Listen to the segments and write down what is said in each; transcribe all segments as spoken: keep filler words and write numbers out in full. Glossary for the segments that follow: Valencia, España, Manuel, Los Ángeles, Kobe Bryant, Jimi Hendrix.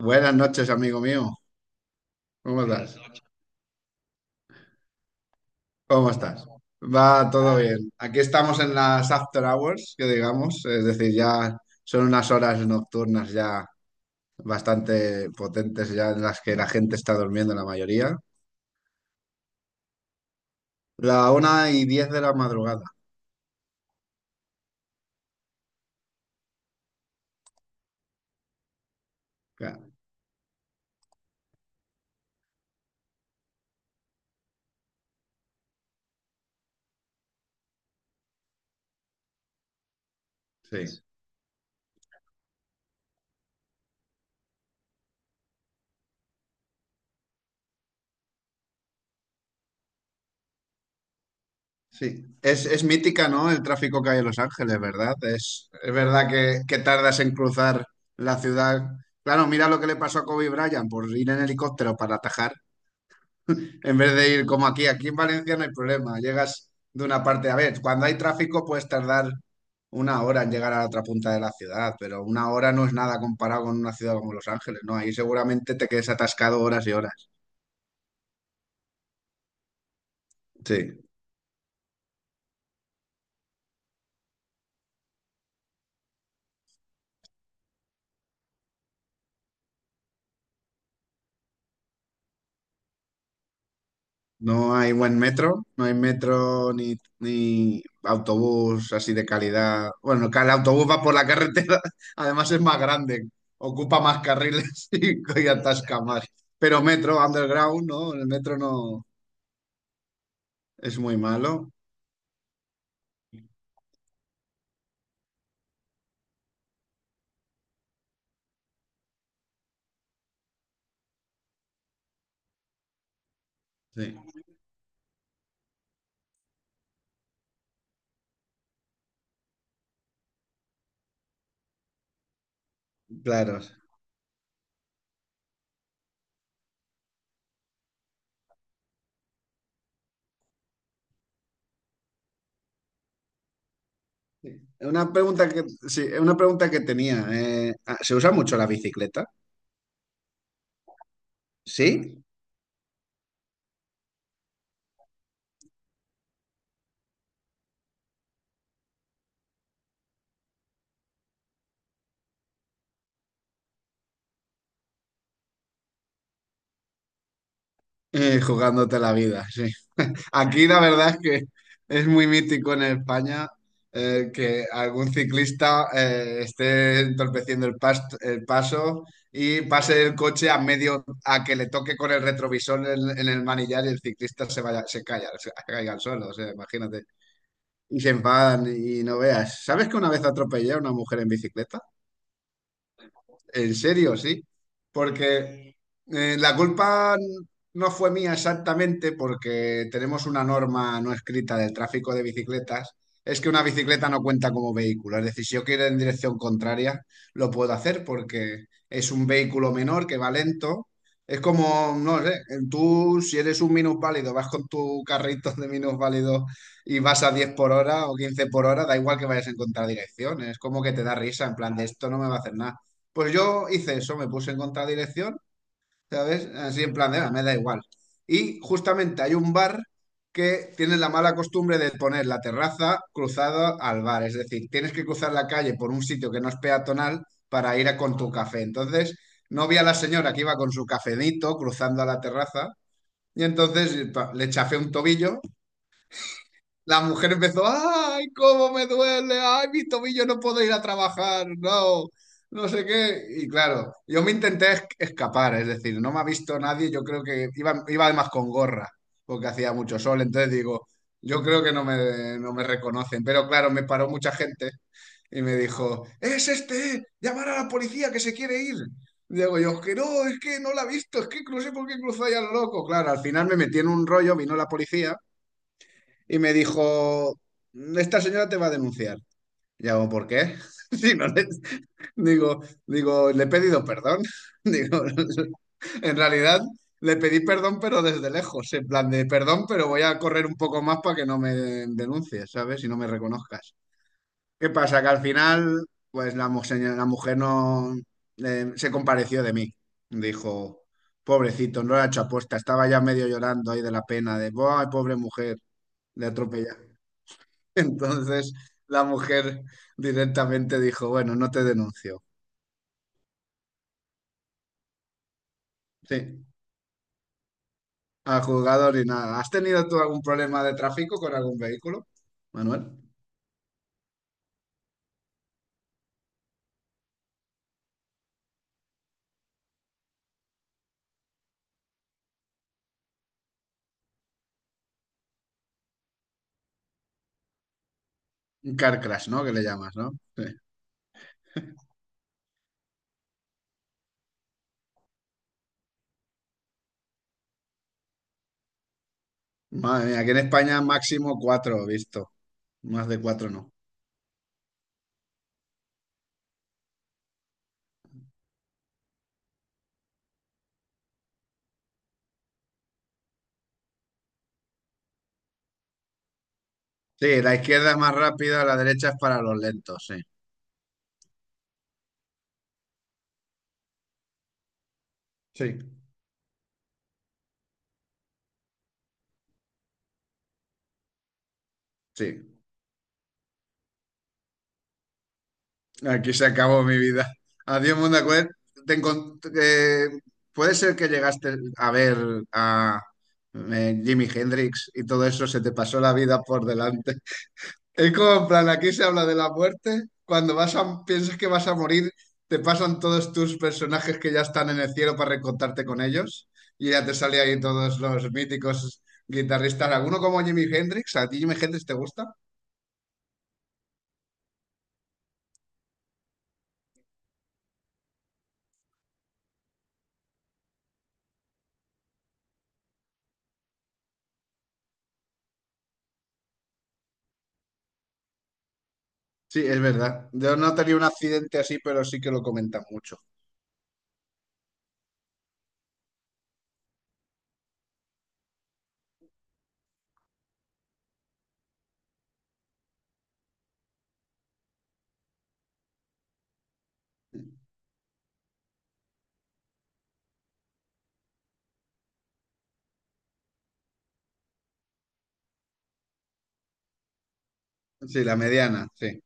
Buenas noches, amigo mío. ¿Cómo estás? ¿Cómo estás? Va todo bien. Aquí estamos en las after hours, que digamos, es decir, ya son unas horas nocturnas ya bastante potentes, ya en las que la gente está durmiendo la mayoría. La una y diez de la madrugada. Claro, sí, sí. Es, es mítica, ¿no? El tráfico que hay en Los Ángeles, ¿verdad? Es, es verdad que, que tardas en cruzar la ciudad. Claro, mira lo que le pasó a Kobe Bryant por ir en helicóptero para atajar. En vez de ir como aquí, aquí en Valencia no hay problema, llegas de una parte, a ver, cuando hay tráfico puedes tardar una hora en llegar a la otra punta de la ciudad, pero una hora no es nada comparado con una ciudad como Los Ángeles, ¿no? Ahí seguramente te quedes atascado horas y horas. Sí, no hay buen metro, no hay metro ni, ni autobús así de calidad. Bueno, que el autobús va por la carretera, además es más grande, ocupa más carriles y, y atasca más. Pero metro, underground, ¿no? El metro no es muy malo. Sí, claro. Una pregunta que, sí, una pregunta que tenía. Eh, ah, ¿se usa mucho la bicicleta? Sí. Eh, jugándote la vida, sí. Aquí la verdad es que es muy mítico en España eh, que algún ciclista eh, esté entorpeciendo el, pas- el paso y pase el coche a medio, a que le toque con el retrovisor en, en el manillar y el ciclista se vaya, se calla, se caiga al suelo, o sea, imagínate. Y se enfadan y no veas. ¿Sabes que una vez atropellé a una mujer en bicicleta? En serio, sí. Porque eh, la culpa no fue mía exactamente porque tenemos una norma no escrita del tráfico de bicicletas. Es que una bicicleta no cuenta como vehículo. Es decir, si yo quiero ir en dirección contraria, lo puedo hacer porque es un vehículo menor que va lento. Es como, no sé, tú si eres un minusválido, vas con tu carrito de minusválido y vas a diez por hora o quince por hora, da igual que vayas en contradirección. Es como que te da risa, en plan de esto no me va a hacer nada. Pues yo hice eso, me puse en contradirección, ¿sabes? Así en plan de, "Ah, me da igual". Y justamente hay un bar que tiene la mala costumbre de poner la terraza cruzada al bar, es decir, tienes que cruzar la calle por un sitio que no es peatonal para ir a con tu café. Entonces, no vi a la señora que iba con su cafenito cruzando a la terraza y entonces pa- le chafé un tobillo. La mujer empezó, ay, cómo me duele, ay, mis tobillos no puedo ir a trabajar, no, no sé qué. Y claro, yo me intenté es- escapar, es decir, no me ha visto nadie, yo creo que iba, iba además con gorra, porque hacía mucho sol, entonces digo, yo creo que no me, no me reconocen, pero claro, me paró mucha gente y me dijo, es este, llamar a la policía que se quiere ir. Digo yo, que no, es que no la ha visto, es que no sé por qué cruzó ahí a lo loco. Claro, al final me metí en un rollo, vino la policía y me dijo, esta señora te va a denunciar. Y hago, ¿por qué? Si no le- digo, digo, le he pedido perdón. Digo, en realidad le pedí perdón, pero desde lejos, en plan de perdón, pero voy a correr un poco más para que no me denuncies, ¿sabes? Y no me reconozcas. ¿Qué pasa? Que al final, pues la, mu- señora- la mujer no eh, se compareció de mí. Dijo, pobrecito, no lo ha hecho aposta, estaba ya medio llorando ahí de la pena, de, ¡ay, pobre mujer! Le atropella. Entonces la mujer directamente dijo, bueno, no te denuncio. Sí, al juzgador ni nada. ¿Has tenido tú algún problema de tráfico con algún vehículo, Manuel? Un car crash, ¿no? Que le llamas, ¿no? Sí. Madre mía, aquí en España máximo cuatro, he visto. Más de cuatro no. Sí, la izquierda es más rápida, la derecha es para los lentos, sí. Sí, sí. Aquí se acabó mi vida. Adiós, mundo. Acuérdate, Te encon- eh, puede ser que llegaste a ver a eh, Jimi Hendrix y todo eso se te pasó la vida por delante. Es como en plan, aquí se habla de la muerte. Cuando vas a, piensas que vas a morir, te pasan todos tus personajes que ya están en el cielo para recontarte con ellos. Y ya te sale ahí todos los míticos guitarristas. ¿Alguno como Jimi Hendrix? ¿A ti Jimi Hendrix te gusta? Sí, es verdad. Yo no tenía un accidente así, pero sí que lo comentan mucho. Sí, la mediana, sí.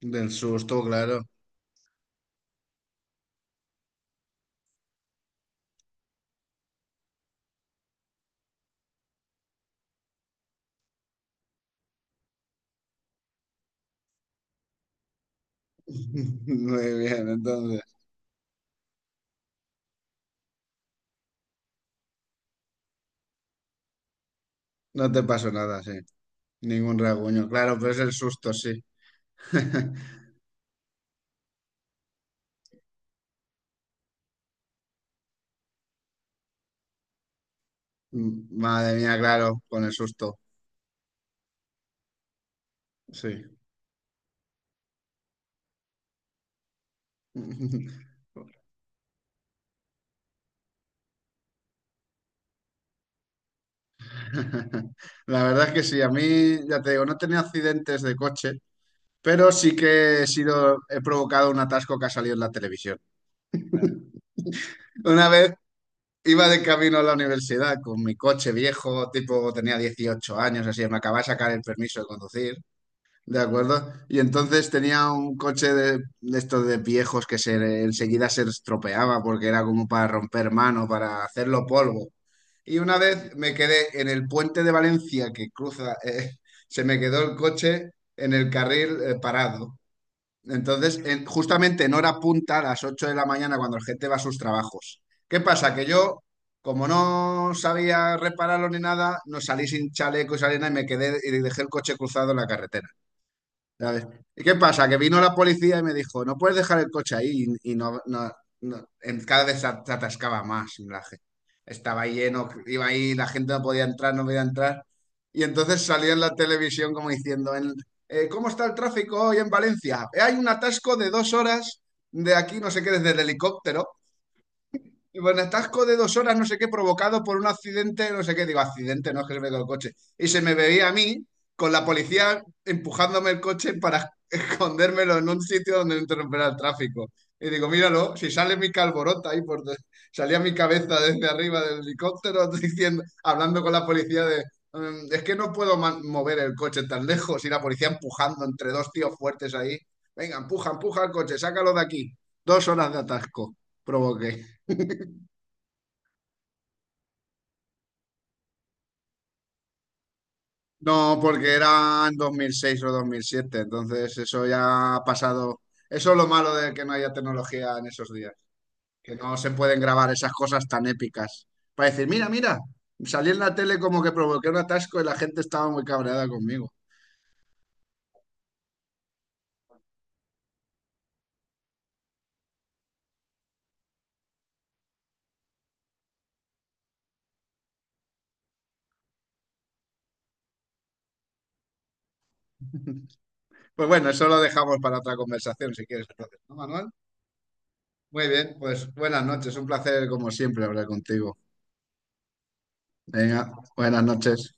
Del susto, claro. Muy bien, entonces. No te pasó nada, sí. Ningún rasguño. Claro, pero es el susto, sí. Madre mía, claro, con el susto. Sí. La verdad es que sí, a mí, ya te digo, no he tenido accidentes de coche, pero sí que he sido, he provocado un atasco que ha salido en la televisión. Una vez iba de camino a la universidad con mi coche viejo, tipo tenía dieciocho años, así, me acababa de sacar el permiso de conducir. De acuerdo. Y entonces tenía un coche de, de estos de viejos que se enseguida se estropeaba porque era como para romper mano, para hacerlo polvo. Y una vez me quedé en el puente de Valencia que cruza, eh, se me quedó el coche en el carril eh, parado. Entonces, en- justamente en hora punta, a las ocho de la mañana, cuando la gente va a sus trabajos. ¿Qué pasa? Que yo, como no sabía repararlo ni nada, no salí sin chaleco y sin nada y me quedé y dejé el coche cruzado en la carretera. ¿Sabes? ¿Y qué pasa? Que vino la policía y me dijo, no puedes dejar el coche ahí y, y no, no- no- en- cada vez se at- se atascaba más la ge- estaba lleno, iba ahí, la gente no podía entrar, no podía entrar. Y entonces salió en la televisión como diciendo, en- eh, ¿cómo está el tráfico hoy en Valencia? "Eh, Hay un atasco de dos horas de aquí, no sé qué, desde el helicóptero". Y bueno, atasco de dos horas, no sé qué, provocado por un accidente, no sé qué, digo, accidente, no es que se me quedó el coche. Y se me veía a mí con la policía empujándome el coche para escondérmelo en un sitio donde no interrumpiera el tráfico. Y digo, míralo, si sale mi calborota ahí, por de- salía mi cabeza desde arriba del helicóptero diciendo, hablando con la policía de, "Mm, es que no puedo man- mover el coche tan lejos", y la policía empujando entre dos tíos fuertes ahí. Venga, empuja, empuja el coche, sácalo de aquí. Dos horas de atasco provoqué. No, porque eran dos mil seis o dos mil siete, entonces eso ya ha pasado. Eso es lo malo de que no haya tecnología en esos días, que no se pueden grabar esas cosas tan épicas. Para decir, mira, mira, salí en la tele como que provoqué un atasco y la gente estaba muy cabreada conmigo. Pues bueno, eso lo dejamos para otra conversación si quieres, entonces, ¿no, Manuel? Muy bien, pues buenas noches, un placer como siempre hablar contigo. Venga, buenas noches.